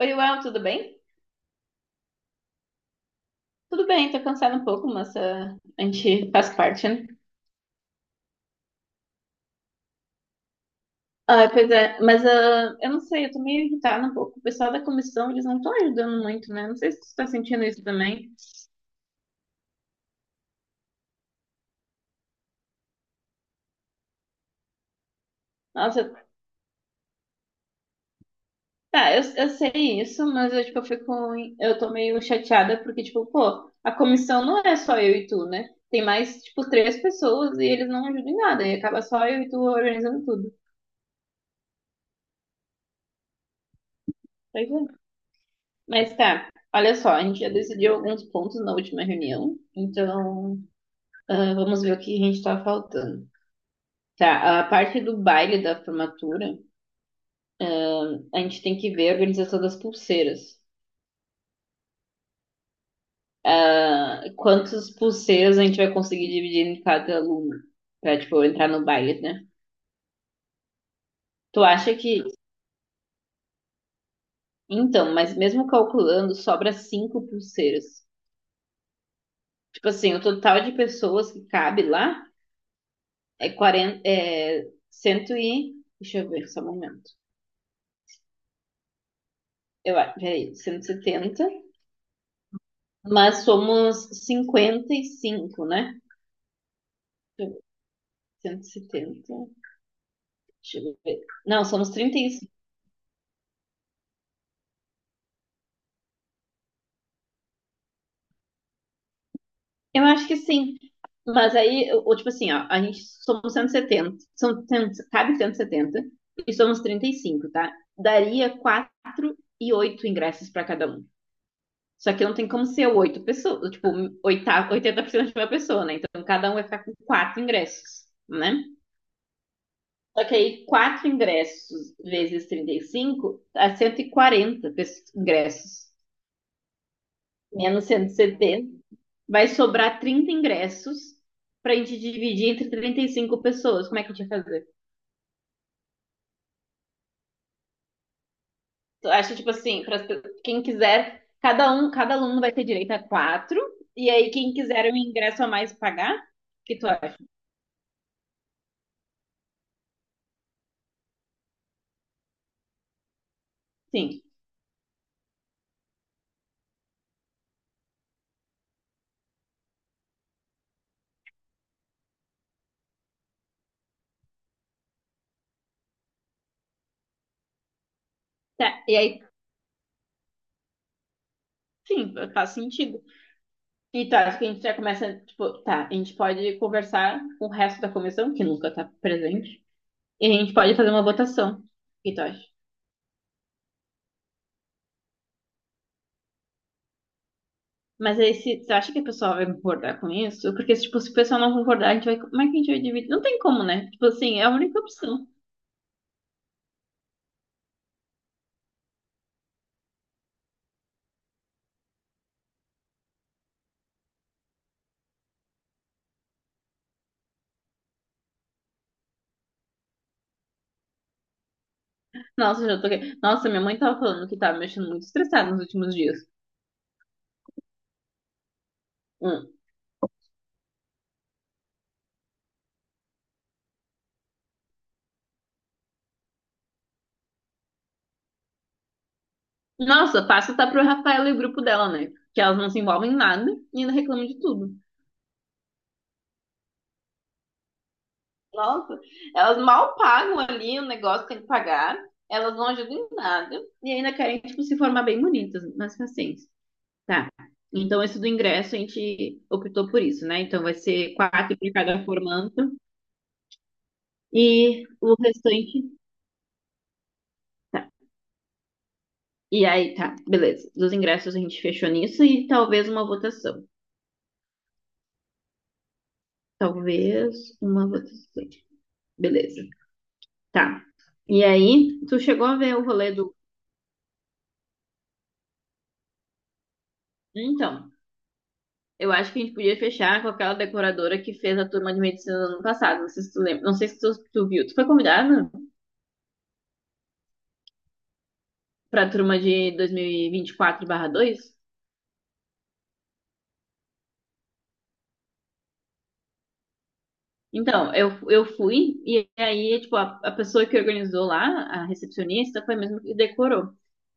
Oi, Uel, tudo bem? Tudo bem, tô cansada um pouco, mas a gente faz parte, né? Ah, pois é, mas eu não sei, eu tô meio irritada um pouco. O pessoal da comissão, eles não estão ajudando muito, né? Não sei se tu tá sentindo isso também. Nossa, tá, eu sei isso, mas eu, tipo, eu fico, eu tô meio chateada porque, tipo, pô, a comissão não é só eu e tu, né? Tem mais, tipo, três pessoas e eles não ajudam em nada, e acaba só eu e tu organizando tudo. Pois é. Mas tá, olha só, a gente já decidiu alguns pontos na última reunião, então. Ah, vamos ver o que a gente tá faltando. Tá, a parte do baile da formatura, a gente tem que ver a organização das pulseiras. Ah, quantas pulseiras a gente vai conseguir dividir em cada aluno pra, tipo, entrar no baile, né? Tu acha que. Então, mas mesmo calculando, sobra cinco pulseiras. Tipo assim, o total de pessoas que cabe lá é 40, é 100 e. Deixa eu ver só um momento. Peraí, cento e setenta. Mas somos 55, né? 170. Deixa eu ver. Não, somos trinta e cinco. Eu acho que sim. Mas aí, ou, tipo assim, ó, a gente somos cento e setenta. São, 100 cabe cento e setenta e somos trinta e cinco, tá? Daria 4 e 8 ingressos para cada um. Só que não tem como ser oito pessoas, tipo, oitava, 80% de uma pessoa, né? Então cada um vai ficar com quatro ingressos, né? Só que aí quatro ingressos vezes 35 dá 140 ingressos. Menos cento e setenta. Vai sobrar 30 ingressos pra gente dividir entre 35 pessoas. Como é que a gente vai fazer? Eu acho, tipo assim, para quem quiser, cada aluno vai ter direito a quatro. E aí, quem quiser um ingresso a mais pagar, o que tu acha? Sim. Tá. E aí, sim, faz sentido. E tu acha que a gente já começa, tipo, tá, a gente pode conversar com o resto da comissão, que nunca tá presente, e a gente pode fazer uma votação. O que tu acha? Mas aí, se, você acha que a pessoa vai concordar com isso? Porque, tipo, se o pessoal não concordar, a gente vai. Como é que a gente vai dividir? Não tem como, né? Tipo assim, é a única opção. Nossa, Nossa, minha mãe tava falando que tava mexendo muito estressada nos últimos dias. Hum. Nossa, passa tá pro Rafael e o grupo dela, né? Que elas não se envolvem em nada e ainda reclamam de tudo. Nossa, elas mal pagam ali o negócio que tem que pagar. Elas não ajudam em nada. E ainda querem, tipo, se formar bem bonitas, mas paciência. Tá. Então, esse do ingresso a gente optou por isso, né? Então, vai ser quatro para cada formando e o restante. Tá. E aí, tá, beleza. Dos ingressos a gente fechou nisso e talvez uma votação. Talvez uma votação. Beleza. Tá. E aí, tu chegou a ver o rolê do. Então, eu acho que a gente podia fechar com aquela decoradora que fez a turma de medicina no ano passado. Não sei se tu lembra. Não sei se tu viu. Tu foi convidada para a turma de 2024/2? Então, eu fui, e aí, tipo, a pessoa que organizou lá, a recepcionista, foi mesmo que decorou.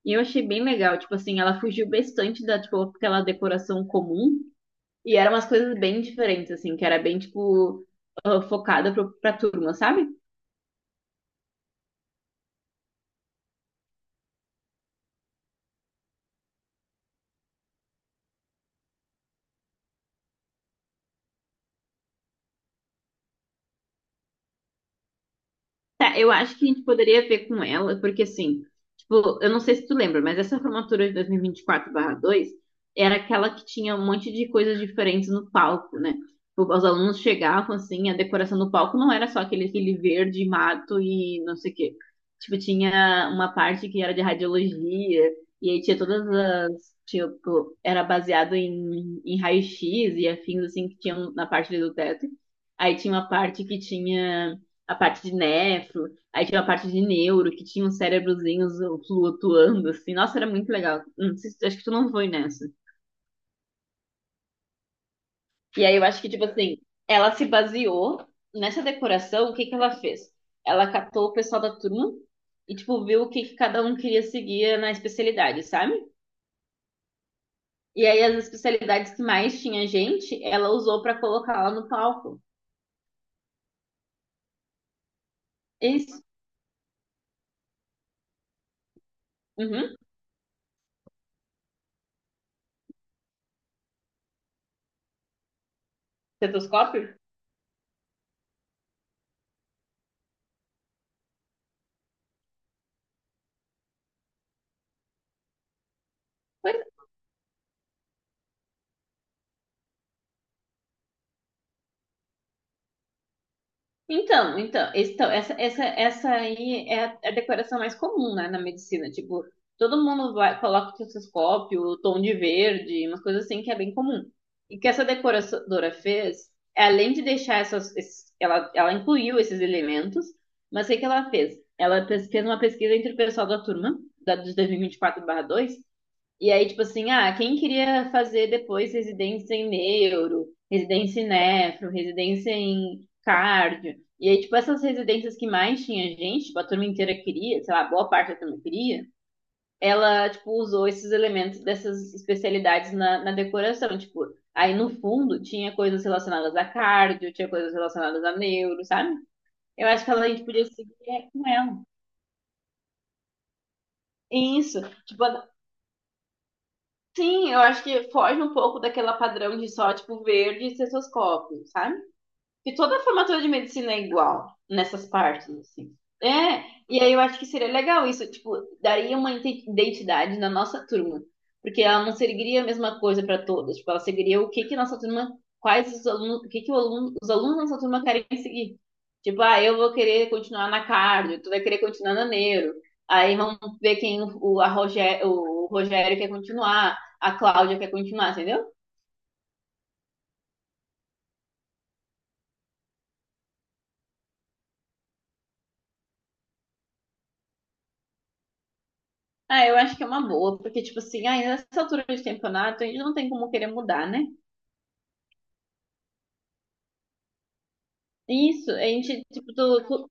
E eu achei bem legal, tipo assim, ela fugiu bastante da, tipo, aquela decoração comum, e eram umas coisas bem diferentes, assim, que era bem, tipo, focada pra turma, sabe? Tá, eu acho que a gente poderia ver com ela, porque assim, tipo, eu não sei se tu lembra, mas essa formatura de 2024/2 era aquela que tinha um monte de coisas diferentes no palco, né? Tipo, os alunos chegavam assim, a decoração do palco não era só aquele verde, mato e não sei o quê. Tipo, tinha uma parte que era de radiologia, e aí tinha todas as, tipo, era baseado em raio-x e afins assim que tinham na parte ali do teto. Aí tinha uma parte que tinha a parte de nefro, aí tinha a parte de neuro, que tinha uns cérebrozinhos flutuando, assim. Nossa, era muito legal. Não sei acho que tu não foi nessa. E aí eu acho que, tipo assim, ela se baseou nessa decoração, o que que ela fez? Ela catou o pessoal da turma e, tipo, viu o que que cada um queria seguir na especialidade, sabe? E aí as especialidades que mais tinha gente, ela usou pra colocar lá no palco. Isso. Uhum. Estetoscópio? Pois é. Então, essa aí é a decoração mais comum, né, na medicina. Tipo, todo mundo vai, coloca o cistoscópio, tom de verde, umas coisas assim que é bem comum. E o que essa decoradora fez, além de deixar ela incluiu esses elementos, mas o que que ela fez? Ela fez uma pesquisa entre o pessoal da turma, de 2024-2, e aí, tipo assim, quem queria fazer depois residência em neuro, residência em nefro, residência em cardio. E aí, tipo, essas residências que mais tinha gente, tipo, a turma inteira queria, sei lá, boa parte da turma queria, ela, tipo, usou esses elementos dessas especialidades na decoração. Tipo, aí no fundo tinha coisas relacionadas a cardio, tinha coisas relacionadas a neuro, sabe? Eu acho que a gente podia seguir com ela. Isso. Tipo, sim, eu acho que foge um pouco daquela padrão de só, tipo, verde e cestoscópio, sabe? E toda a formatura de medicina é igual nessas partes, assim. É, e aí eu acho que seria legal isso, tipo, daria uma identidade na nossa turma, porque ela não seguiria a mesma coisa para todas, tipo, ela seguiria o que que nossa turma, quais os alunos, o que que os alunos da nossa turma querem seguir. Tipo, eu vou querer continuar na cardio, tu vai querer continuar na neuro. Aí vamos ver quem o, a Rogé- o Rogério quer continuar, a Cláudia quer continuar, entendeu? Ah, eu acho que é uma boa, porque, tipo assim, ai, nessa altura de campeonato, a gente não tem como querer mudar, né? Isso, a gente, tipo, do. Tu-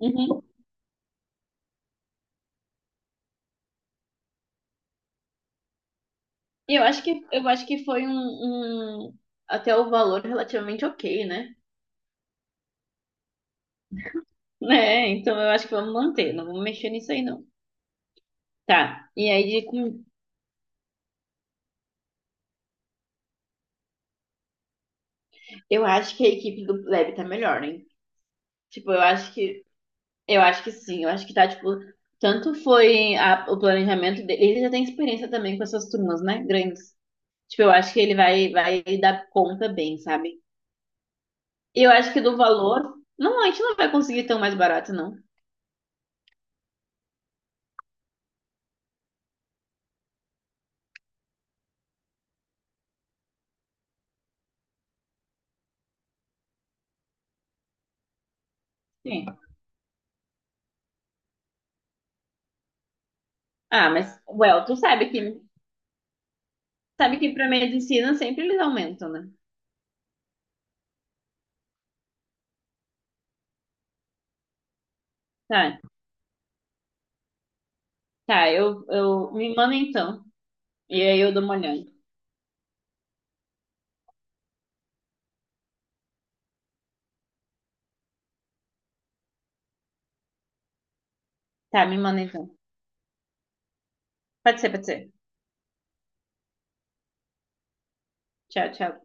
Uhum. E eu acho que foi um, até o valor relativamente ok, né? Né? Então eu acho que vamos manter, não vamos mexer nisso aí, não. Tá, e aí eu acho que a equipe do Lab tá melhor, hein? Tipo, eu acho que sim, eu acho que tá, tipo, tanto foi o planejamento dele, ele já tem experiência também com essas turmas, né? Grandes. Tipo, eu acho que ele vai dar conta bem, sabe? E eu acho que do valor, não, a gente não vai conseguir tão mais barato, não. Sim. Ah, mas, well, sabe que pra medicina sempre eles aumentam, né? Tá, tá, me manda então. E aí eu dou uma olhada. Tá, me manda então. Pode ser, pode ser. Tchau, tchau.